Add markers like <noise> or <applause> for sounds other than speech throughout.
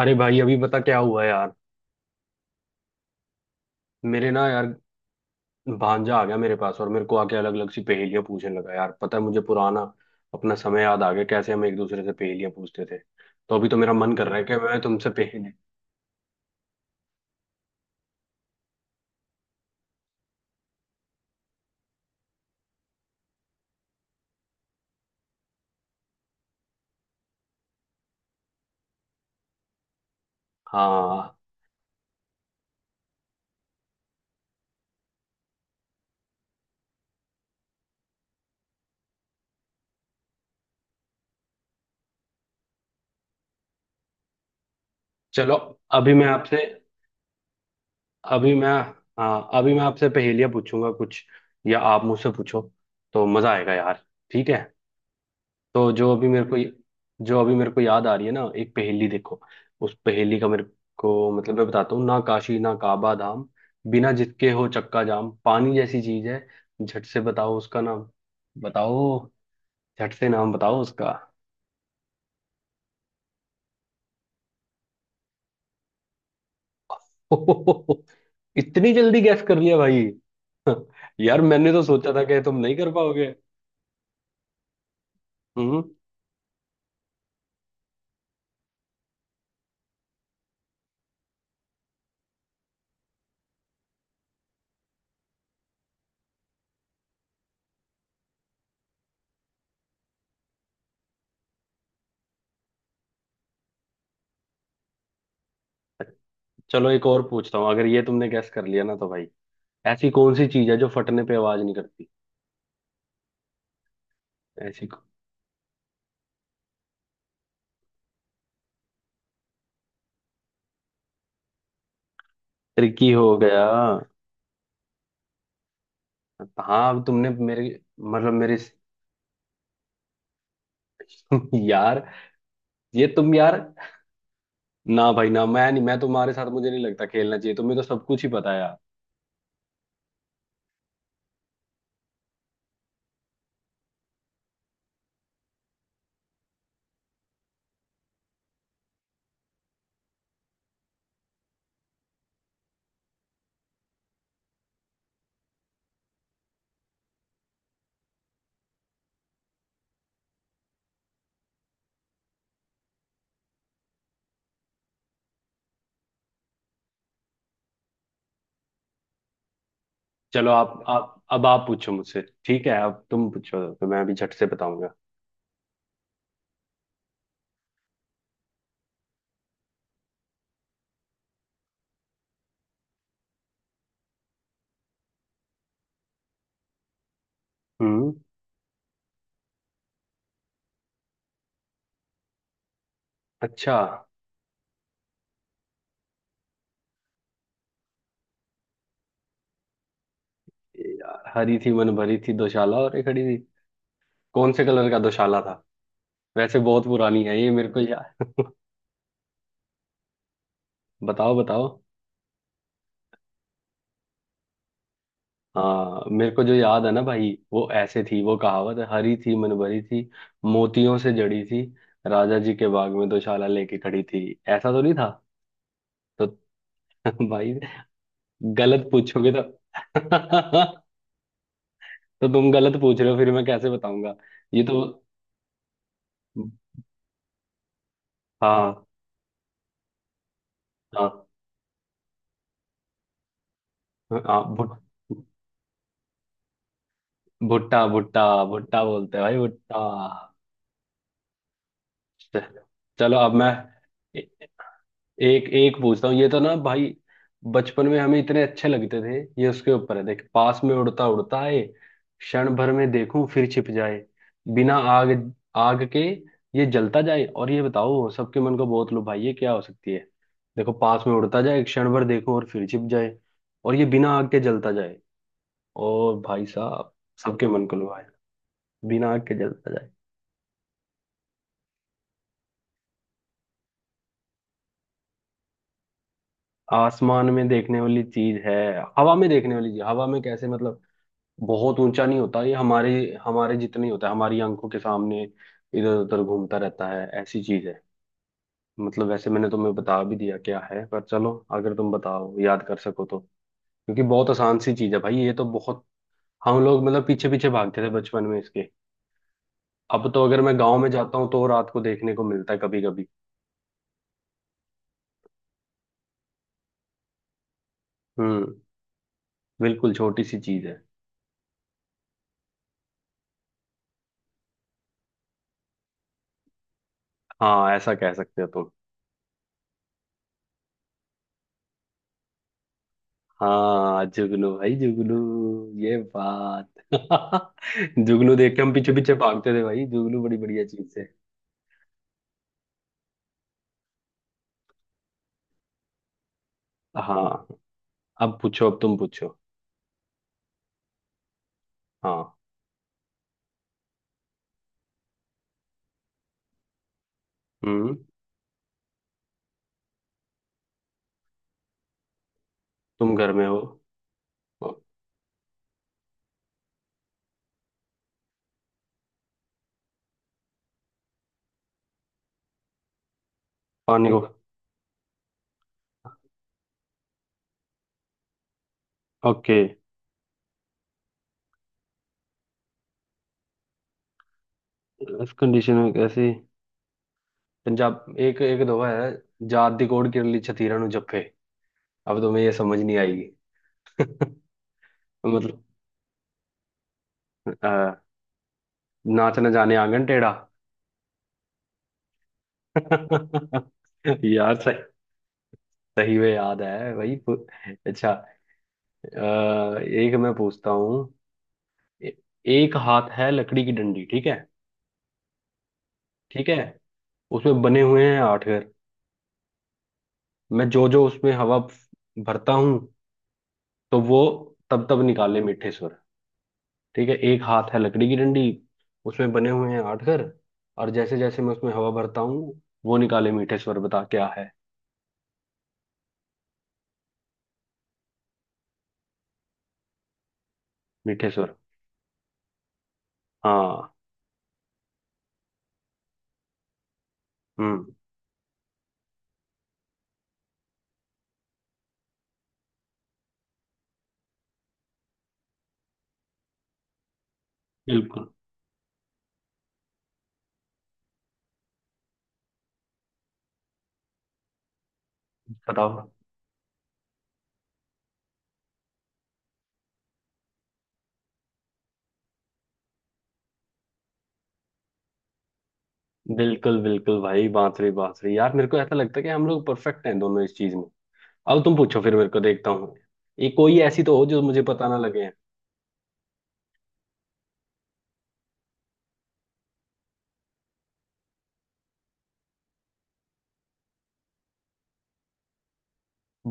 अरे भाई अभी पता क्या हुआ यार। मेरे ना यार, भांजा आ गया मेरे पास और मेरे को आके अलग अलग सी पहेलियां पूछने लगा। यार पता है, मुझे पुराना अपना समय याद आ गया, कैसे हम एक दूसरे से पहेलियां पूछते थे। तो अभी तो मेरा मन कर रहा है कि मैं तुमसे पहेली। हाँ, चलो। अभी मैं आपसे, अभी मैं, हाँ, अभी मैं आपसे पहेलियां पूछूंगा कुछ, या आप मुझसे पूछो। तो मजा आएगा यार। ठीक है। तो जो अभी मेरे को याद आ रही है ना, एक पहेली देखो। उस पहेली का मेरे को मतलब, मैं बताता हूँ ना। काशी ना काबा धाम, बिना जिसके हो चक्का जाम, पानी जैसी चीज है, झट से बताओ उसका नाम। बताओ, झट से नाम बताओ उसका। <laughs> इतनी जल्दी गैस कर लिया भाई। <laughs> यार मैंने तो सोचा था कि तुम नहीं कर पाओगे। हम्म। चलो एक और पूछता हूँ, अगर ये तुमने गैस कर लिया ना तो भाई, ऐसी कौन सी चीज है जो फटने पे आवाज नहीं करती। ऐसी ट्रिकी हो गया। हाँ अब तुमने मेरे, मतलब मेरे। <laughs> यार, ये तुम यार, ना भाई ना, मैं नहीं, मैं तुम्हारे साथ मुझे नहीं लगता खेलना चाहिए, तुम्हें तो सब कुछ ही पता है यार। चलो आप अब आप पूछो मुझसे, ठीक है, अब तुम पूछो तो मैं अभी झट से बताऊंगा। हम्म। अच्छा। यार, हरी थी मन भरी थी, दोशाला और एक खड़ी थी। कौन से कलर का दोशाला था? वैसे बहुत पुरानी है ये मेरे को यार। बताओ बताओ। हाँ मेरे को जो याद है ना भाई, वो ऐसे थी वो कहावत। हरी थी मन भरी थी, मोतियों से जड़ी थी, राजा जी के बाग में दोशाला लेके खड़ी थी। ऐसा तो नहीं था? तो <laughs> भाई, गलत पूछोगे तो <laughs> तो तुम गलत पूछ रहे हो फिर मैं कैसे बताऊंगा। ये तो, हाँ हाँ हाँ भुट- भुट्टा भुट्टा भुट्टा बोलते हैं भाई, भुट्टा। चलो अब मैं एक एक पूछता हूँ। ये तो ना भाई, बचपन में हमें इतने अच्छे लगते थे। ये उसके ऊपर है। देख, पास में उड़ता उड़ता आए, क्षण भर में देखूं फिर छिप जाए, बिना आग, आग के ये जलता जाए, और ये बताओ सबके मन को बहुत लो भाई, ये क्या हो सकती है। देखो पास में उड़ता जाए, क्षण भर देखूं और फिर छिप जाए, और ये बिना आग के जलता जाए, और भाई साहब, सबके मन को लुभाए, बिना आग के जलता जाए। आसमान में देखने वाली चीज है, हवा में देखने वाली चीज। हवा में कैसे मतलब, बहुत ऊंचा नहीं होता ये, हमारे हमारे जितना ही होता है। हमारी आंखों के सामने इधर उधर घूमता रहता है, ऐसी चीज है। मतलब वैसे मैंने तुम्हें बता भी दिया क्या है, पर चलो, अगर तुम बताओ, याद कर सको तो। क्योंकि बहुत आसान सी चीज है भाई ये तो, बहुत। हम लोग मतलब पीछे पीछे भागते थे बचपन में इसके। अब तो अगर मैं गांव में जाता हूँ तो रात को देखने को मिलता है कभी कभी। हम्म। बिल्कुल छोटी सी चीज है। हाँ ऐसा कह सकते हो तुम। हाँ जुगनू भाई जुगनू। ये बात <laughs> जुगनू देख के हम पीछे पीछे भागते थे भाई, जुगनू बड़ी बढ़िया चीज है। हाँ, अब पूछो, अब तुम पूछो। हाँ। हम्म। तुम घर में हो। पानी को। ओके। इस कंडीशन में कैसी, पंजाब एक एक दोहा है, जात दी कोड़ किरली छतीरा नु जप्फे। अब तुम्हें ये समझ नहीं आएगी। <laughs> मतलब आ, नाच न जाने आंगन टेढ़ा। <laughs> यार, सही में याद है वही पू- अच्छा। अ, एक मैं पूछता हूँ। ए- एक हाथ है लकड़ी की डंडी, ठीक है? ठीक है, उसमें बने हुए हैं आठ घर, मैं जो जो उसमें हवा फ- भरता हूँ, तो वो तब तब निकाले मीठे स्वर। ठीक है, एक हाथ है लकड़ी की डंडी, उसमें बने हुए हैं आठ घर, और जैसे जैसे मैं उसमें हवा भरता हूँ, वो निकाले मीठे स्वर। बता क्या है, मीठे स्वर। हाँ। हम्म। बिल्कुल। बताओ। बिल्कुल बिल्कुल भाई, बांसुरी, बांसुरी। यार मेरे को ऐसा लगता है कि हम लोग परफेक्ट हैं दोनों इस चीज में। अब तुम पूछो, फिर मेरे को देखता हूँ। ये कोई ऐसी तो हो जो मुझे पता ना लगे।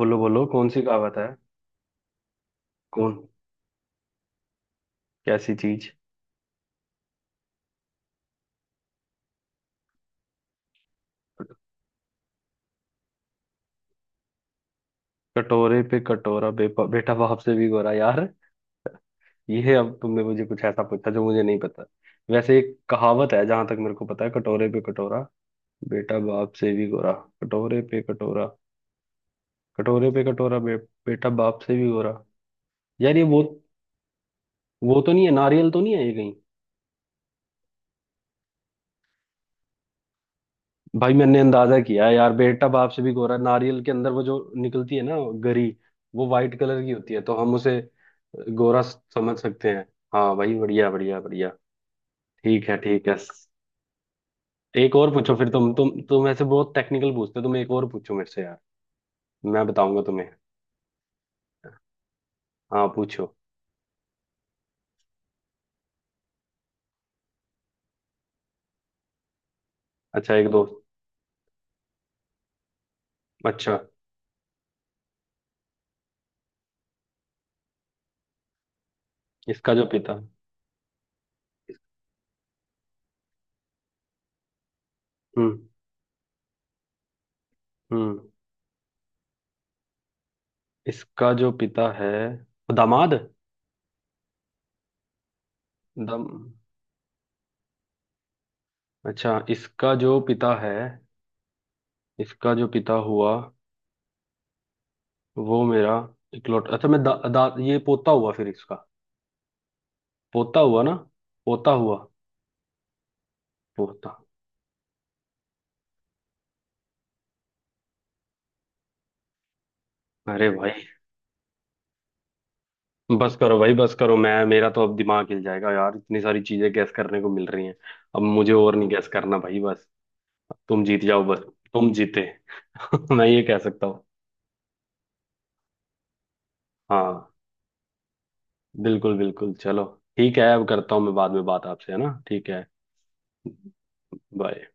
बोलो बोलो, कौन सी कहावत है? कौन? कैसी चीज? कटोरे पे कटोरा, बेपा, बेटा बाप से भी गोरा। यार ये, अब तुमने मुझे कुछ ऐसा पूछा जो मुझे नहीं पता। वैसे एक कहावत है जहां तक मेरे को पता है, कटोरे पे कटोरा, बेटा बाप से भी गोरा। कटोरे पे कटोरा, कटोरे पे कटोरा, बे, बेटा बाप से भी गोरा। यार ये बहुत, वो तो नहीं है, नारियल तो नहीं है ये कहीं? भाई मैंने अंदाजा किया है यार, बेटा बाप से भी गोरा, नारियल के अंदर वो जो निकलती है ना, गरी, वो वाइट कलर की होती है, तो हम उसे गोरा समझ सकते हैं। हाँ भाई, बढ़िया बढ़िया बढ़िया। ठीक है ठीक है, एक और पूछो। फिर तुम ऐसे बहुत टेक्निकल पूछते हो तुम, एक और पूछो मेरे से यार। मैं बताऊंगा तुम्हें। हाँ पूछो। अच्छा एक दो। अच्छा इसका जो पिता। हम्म। हम्म। इसका जो पिता है, दामाद। दम, अच्छा इसका जो पिता है, इसका जो पिता हुआ, वो मेरा इकलौता, अच्छा मैं दा, दा, ये पोता हुआ फिर इसका, पोता हुआ ना, पोता हुआ, पोता। अरे भाई, बस करो भाई, बस करो। मैं, मेरा तो अब दिमाग हिल जाएगा यार, इतनी सारी चीजें गैस करने को मिल रही हैं। अब मुझे और नहीं गैस करना भाई, बस। तुम जीत जाओ बस। तुम जीते, <laughs> मैं ये कह सकता हूँ। हाँ बिल्कुल बिल्कुल चलो। ठीक है, अब करता हूँ, मैं बाद में बात आपसे, है ना, ठीक है। बाय।